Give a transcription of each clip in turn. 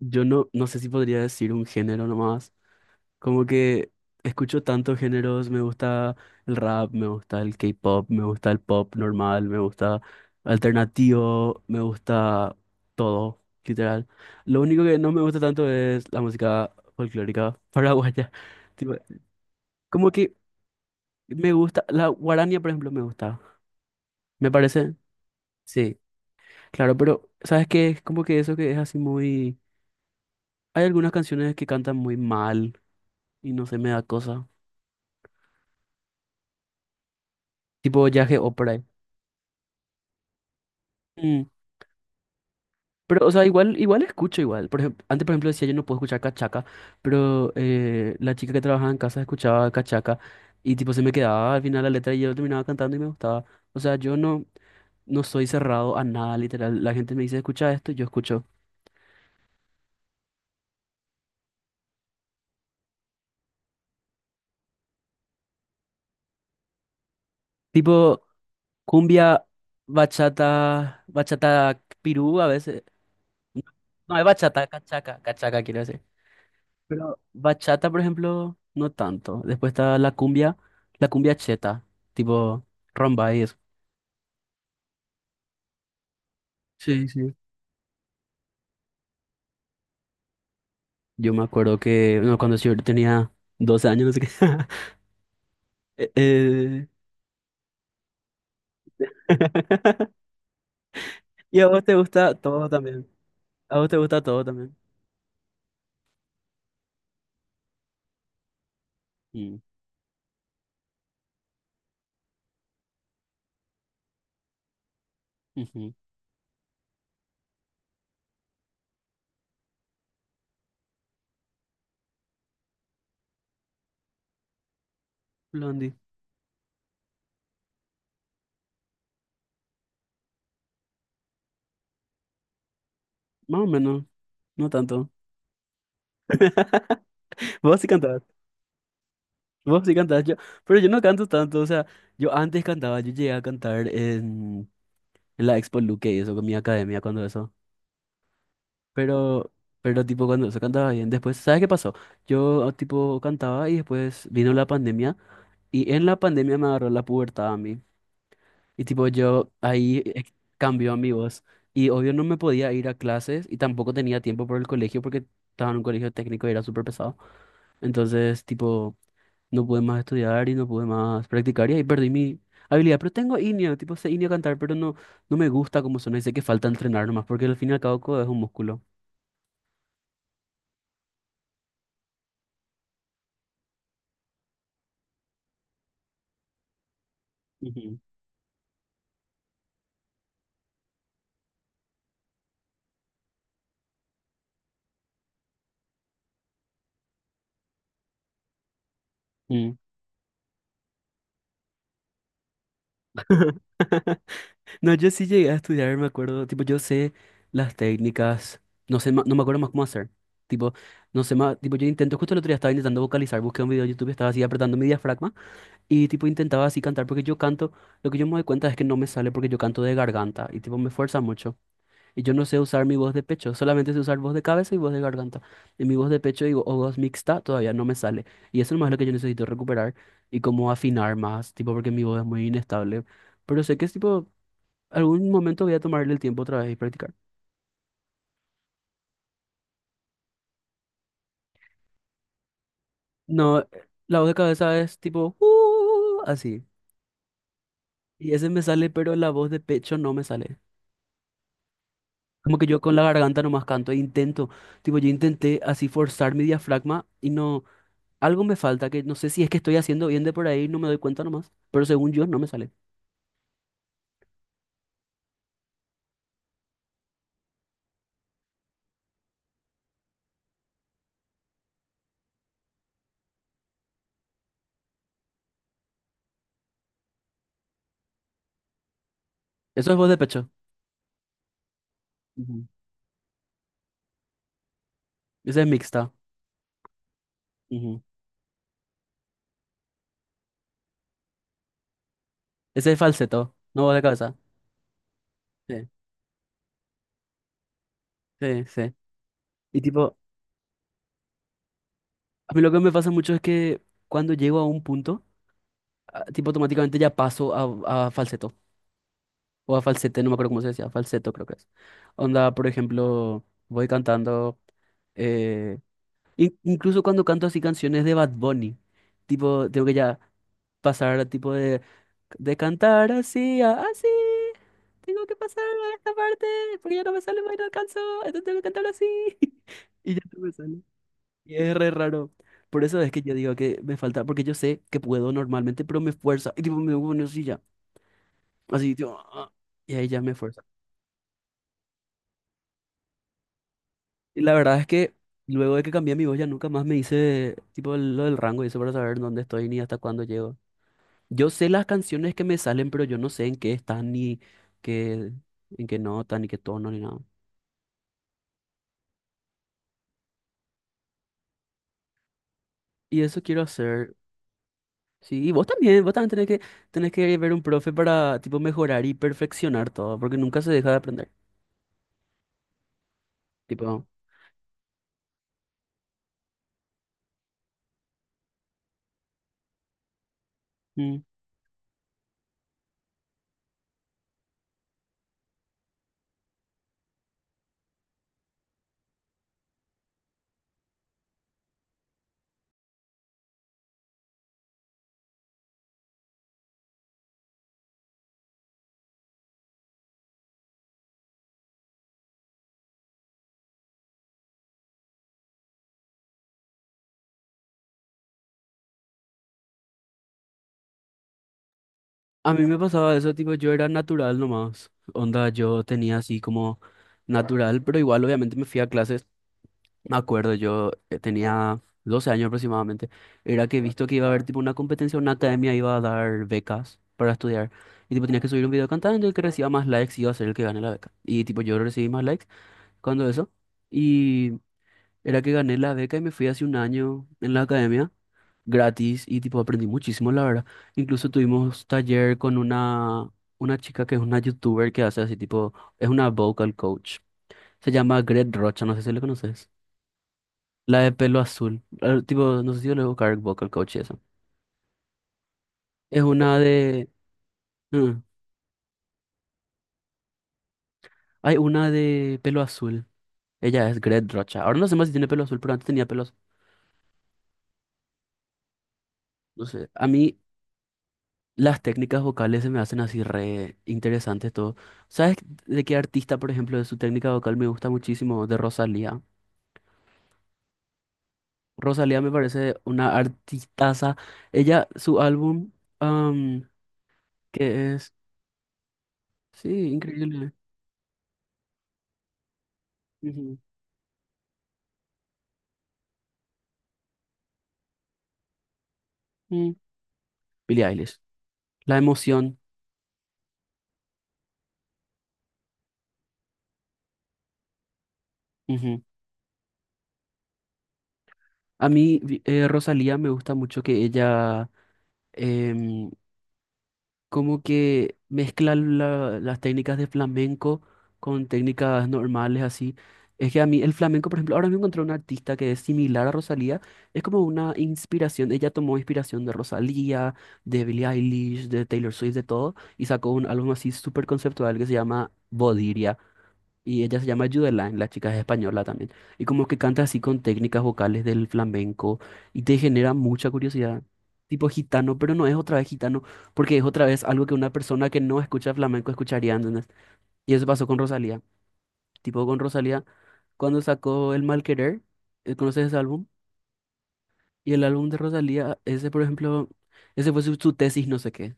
Yo no, no sé si podría decir un género nomás. Como que escucho tantos géneros, me gusta el rap, me gusta el K-pop, me gusta el pop normal, me gusta alternativo, me gusta todo, literal. Lo único que no me gusta tanto es la música folclórica paraguaya. Tipo, como que me gusta, la guarania, por ejemplo, me gusta. ¿Me parece? Sí, claro, pero ¿sabes qué? Es como que eso que es así muy. Hay algunas canciones que cantan muy mal y no se me da cosa. Tipo Yage o por ahí. Mm. Pero, o sea, igual escucho igual. Por ejemplo, antes, por ejemplo, decía yo no puedo escuchar cachaca, pero la chica que trabajaba en casa escuchaba cachaca y tipo se me quedaba al final la letra y yo terminaba cantando y me gustaba. O sea, yo no, no soy cerrado a nada, literal. La gente me dice, escucha esto, y yo escucho. Tipo cumbia, bachata, bachata pirú a veces. No, no es bachata, cachaca, cachaca quiero decir. Pero bachata, por ejemplo, no tanto. Después está la cumbia cheta, tipo rumba y eso. Sí, sí. Yo me acuerdo que no, cuando yo tenía 12 años, no sé qué. Eh, eh, Y a vos te gusta todo también. A vos te gusta todo también. Mm, ujú. Blondie. Más o menos, no tanto. Vos sí cantabas. Vos sí cantabas. Pero yo no canto tanto. O sea, yo antes cantaba, yo llegué a cantar en la Expo Luque y eso con mi academia cuando eso. Pero, pero tipo cuando se cantaba bien, después, ¿sabes qué pasó? Yo tipo cantaba y después vino la pandemia y en la pandemia me agarró la pubertad a mí. Y tipo yo ahí cambió mi voz. Y obvio no me podía ir a clases y tampoco tenía tiempo por el colegio porque estaba en un colegio técnico y era súper pesado. Entonces, tipo, no pude más estudiar y no pude más practicar y ahí perdí mi habilidad. Pero tengo inio, tipo, sé inio cantar, pero no, no me gusta cómo suena y sé que falta entrenar nomás porque al fin y al cabo codo es un músculo. Ujú. No, yo sí llegué a estudiar, me acuerdo, tipo, yo sé las técnicas, no sé, no me acuerdo más cómo hacer. Tipo, no sé más, tipo, yo intento, justo el otro día estaba intentando vocalizar, busqué un video de YouTube, estaba así apretando mi diafragma y tipo intentaba así cantar porque yo canto, lo que yo me doy cuenta es que no me sale porque yo canto de garganta y tipo me fuerza mucho. Y yo no sé usar mi voz de pecho, solamente sé usar voz de cabeza y voz de garganta. Y mi voz de pecho y, o voz mixta todavía no me sale. Y eso nomás es más lo que yo necesito recuperar y como afinar más, tipo, porque mi voz es muy inestable. Pero sé que es tipo, algún momento voy a tomarle el tiempo otra vez y practicar. No, la voz de cabeza es tipo, así. Y ese me sale, pero la voz de pecho no me sale. Como que yo con la garganta nomás canto e intento, tipo, yo intenté así forzar mi diafragma y no. Algo me falta que no sé si es que estoy haciendo bien de por ahí, no me doy cuenta nomás, pero según yo no me sale. Eso es voz de pecho. Ujú. Ese es mixta. Ujú. Ese es falseto, no voz de cabeza. Sí, sí, sí. Y tipo, a mí lo que me pasa mucho es que cuando llego a un punto, ah, tipo automáticamente ya paso a falseto o a falsete, no me acuerdo cómo se decía, falseto creo que es. Onda, por ejemplo, voy cantando, eh, incluso cuando canto así canciones de Bad Bunny, tipo, tengo que ya pasar tipo de cantar así, así. Tengo que pasar a esta parte porque ya no me sale más y no alcanzo. Entonces tengo que cantar así. Y ya no me sale. Y es re raro. Por eso es que yo digo que me falta, porque yo sé que puedo normalmente, pero me esfuerza. Y tipo, me pongo así ya. Así, tipo, ah, y ahí ya me esfuerza. Y la verdad es que luego de que cambié mi voz ya nunca más me hice tipo lo del rango y eso para saber dónde estoy ni hasta cuándo llego. Yo sé las canciones que me salen, pero yo no sé en qué están ni qué, en qué nota, ni qué tono, ni nada. Y eso quiero hacer. Sí, y vos también, tenés que ver un profe para, tipo, mejorar y perfeccionar todo, porque nunca se deja de aprender. Tipo, mm. A mí me pasaba eso, tipo, yo era natural nomás. Onda, yo tenía así como natural, pero igual obviamente me fui a clases. Me acuerdo, yo tenía 12 años aproximadamente. Era que visto que iba a haber tipo una competencia, una academia iba a dar becas para estudiar. Y tipo tenía que subir un video cantando y el que reciba más likes iba a ser el que gane la beca. Y tipo yo recibí más likes cuando eso. Y era que gané la beca y me fui hace un año en la academia gratis y tipo aprendí muchísimo, la verdad. Incluso tuvimos taller con una chica que es una youtuber que hace así tipo, es una vocal coach. Se llama Gret Rocha, no sé si le conoces. La de pelo azul. Tipo, no sé si yo le voy a buscar vocal coach y eso. Es una de. Mm. Hay una de pelo azul. Ella es Gret Rocha. Ahora no sé más si tiene pelo azul, pero antes tenía pelo azul. No sé. A mí las técnicas vocales se me hacen así re interesantes todo. ¿Sabes de qué artista, por ejemplo, de su técnica vocal me gusta muchísimo? De Rosalía. Rosalía me parece una artistaza. Ella, su álbum, am, que es, sí, increíble. Ujú. Mm. Billie Eilish. La emoción. Ujú. A mí, Rosalía me gusta mucho que ella em, como que mezcla las técnicas de flamenco con técnicas normales así. Es que a mí el flamenco, por ejemplo, ahora me encontré una artista que es similar a Rosalía, es como una inspiración, ella tomó inspiración de Rosalía, de Billie Eilish, de Taylor Swift, de todo, y sacó un álbum así súper conceptual que se llama Bodiria, y ella se llama Judeline, la chica es española también. Y como que canta así con técnicas vocales del flamenco y te genera mucha curiosidad. Tipo gitano, pero no es otra vez gitano, porque es otra vez algo que una persona que no escucha flamenco escucharía, ¿entendés? Y eso pasó con Rosalía. Tipo con Rosalía, cuando sacó El Mal Querer, ¿conoces ese álbum? Y el álbum de Rosalía, ese por ejemplo, ese fue su, tesis, no sé qué.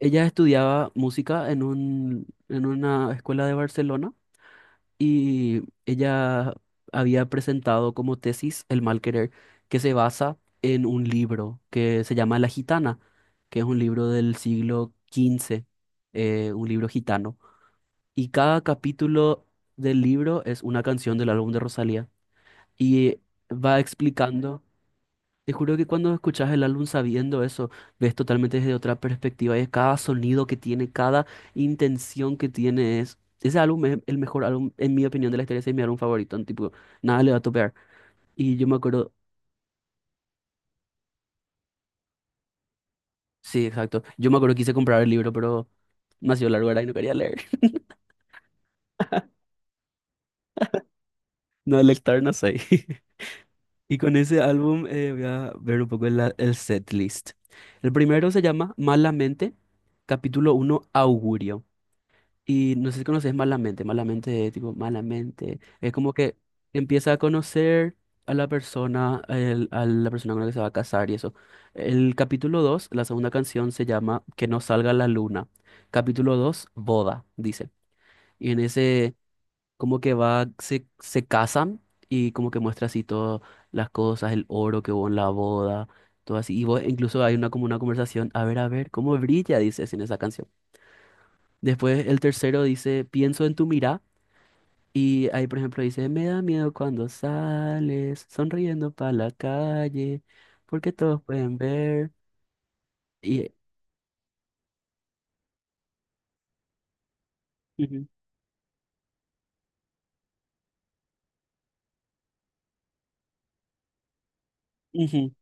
Ella estudiaba música en un, en una escuela de Barcelona y ella había presentado como tesis El mal querer, que se basa en un libro que se llama La Gitana, que es un libro del siglo XV, un libro gitano. Y cada capítulo del libro es una canción del álbum de Rosalía y va explicando. Te juro que cuando escuchas el álbum sabiendo eso, ves totalmente desde otra perspectiva y es cada sonido que tiene, cada intención que tiene es. Ese álbum es el mejor álbum, en mi opinión, de la historia, ese es mi álbum favorito, en tipo, nada le va a topear. Y yo me acuerdo, sí, exacto, yo me acuerdo que quise comprar el libro, pero demasiado largo era y no quería leer. No, el no sé. Y con ese álbum voy a ver un poco el set list. El primero se llama Malamente, capítulo uno, Augurio. Y no sé si conoces Malamente, Malamente, tipo, Malamente. Es como que empieza a conocer a la persona, a la persona con la que se va a casar y eso. El capítulo 2 la segunda canción se llama Que no salga la luna. Capítulo 2 boda, dice. Y en ese, como que va, se casan y como que muestra así todas las cosas, el oro que hubo en la boda, todo así. Y incluso hay una, como una conversación, a ver, cómo brilla, dices en esa canción. Después el tercero dice, pienso en tu mirada. Y ahí, por ejemplo, dice, me da miedo cuando sales sonriendo para la calle, porque todos pueden ver. Y Ujú, ujú.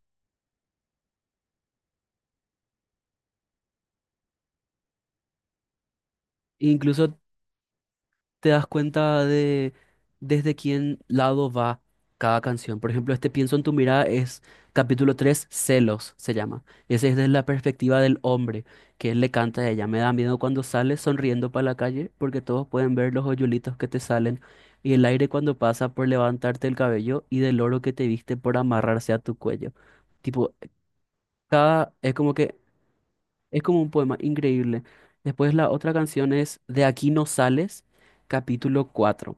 Incluso te das cuenta de desde quién lado va cada canción. Por ejemplo, este Pienso en tu mirada es capítulo 3 Celos se llama. Ese es desde la perspectiva del hombre, que él le canta a ella. Me da miedo cuando sales sonriendo para la calle porque todos pueden ver los hoyuelitos que te salen y el aire cuando pasa por levantarte el cabello y del oro que te viste por amarrarse a tu cuello. Tipo, es como que es como un poema increíble. Después la otra canción es De aquí no sales, capítulo 4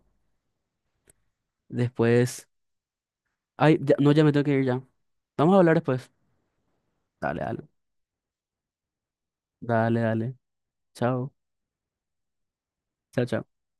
Después. Ay, no, ya me tengo que ir ya. Vamos a hablar después. Dale, dale. Dale, dale. Chao. Chao, chao.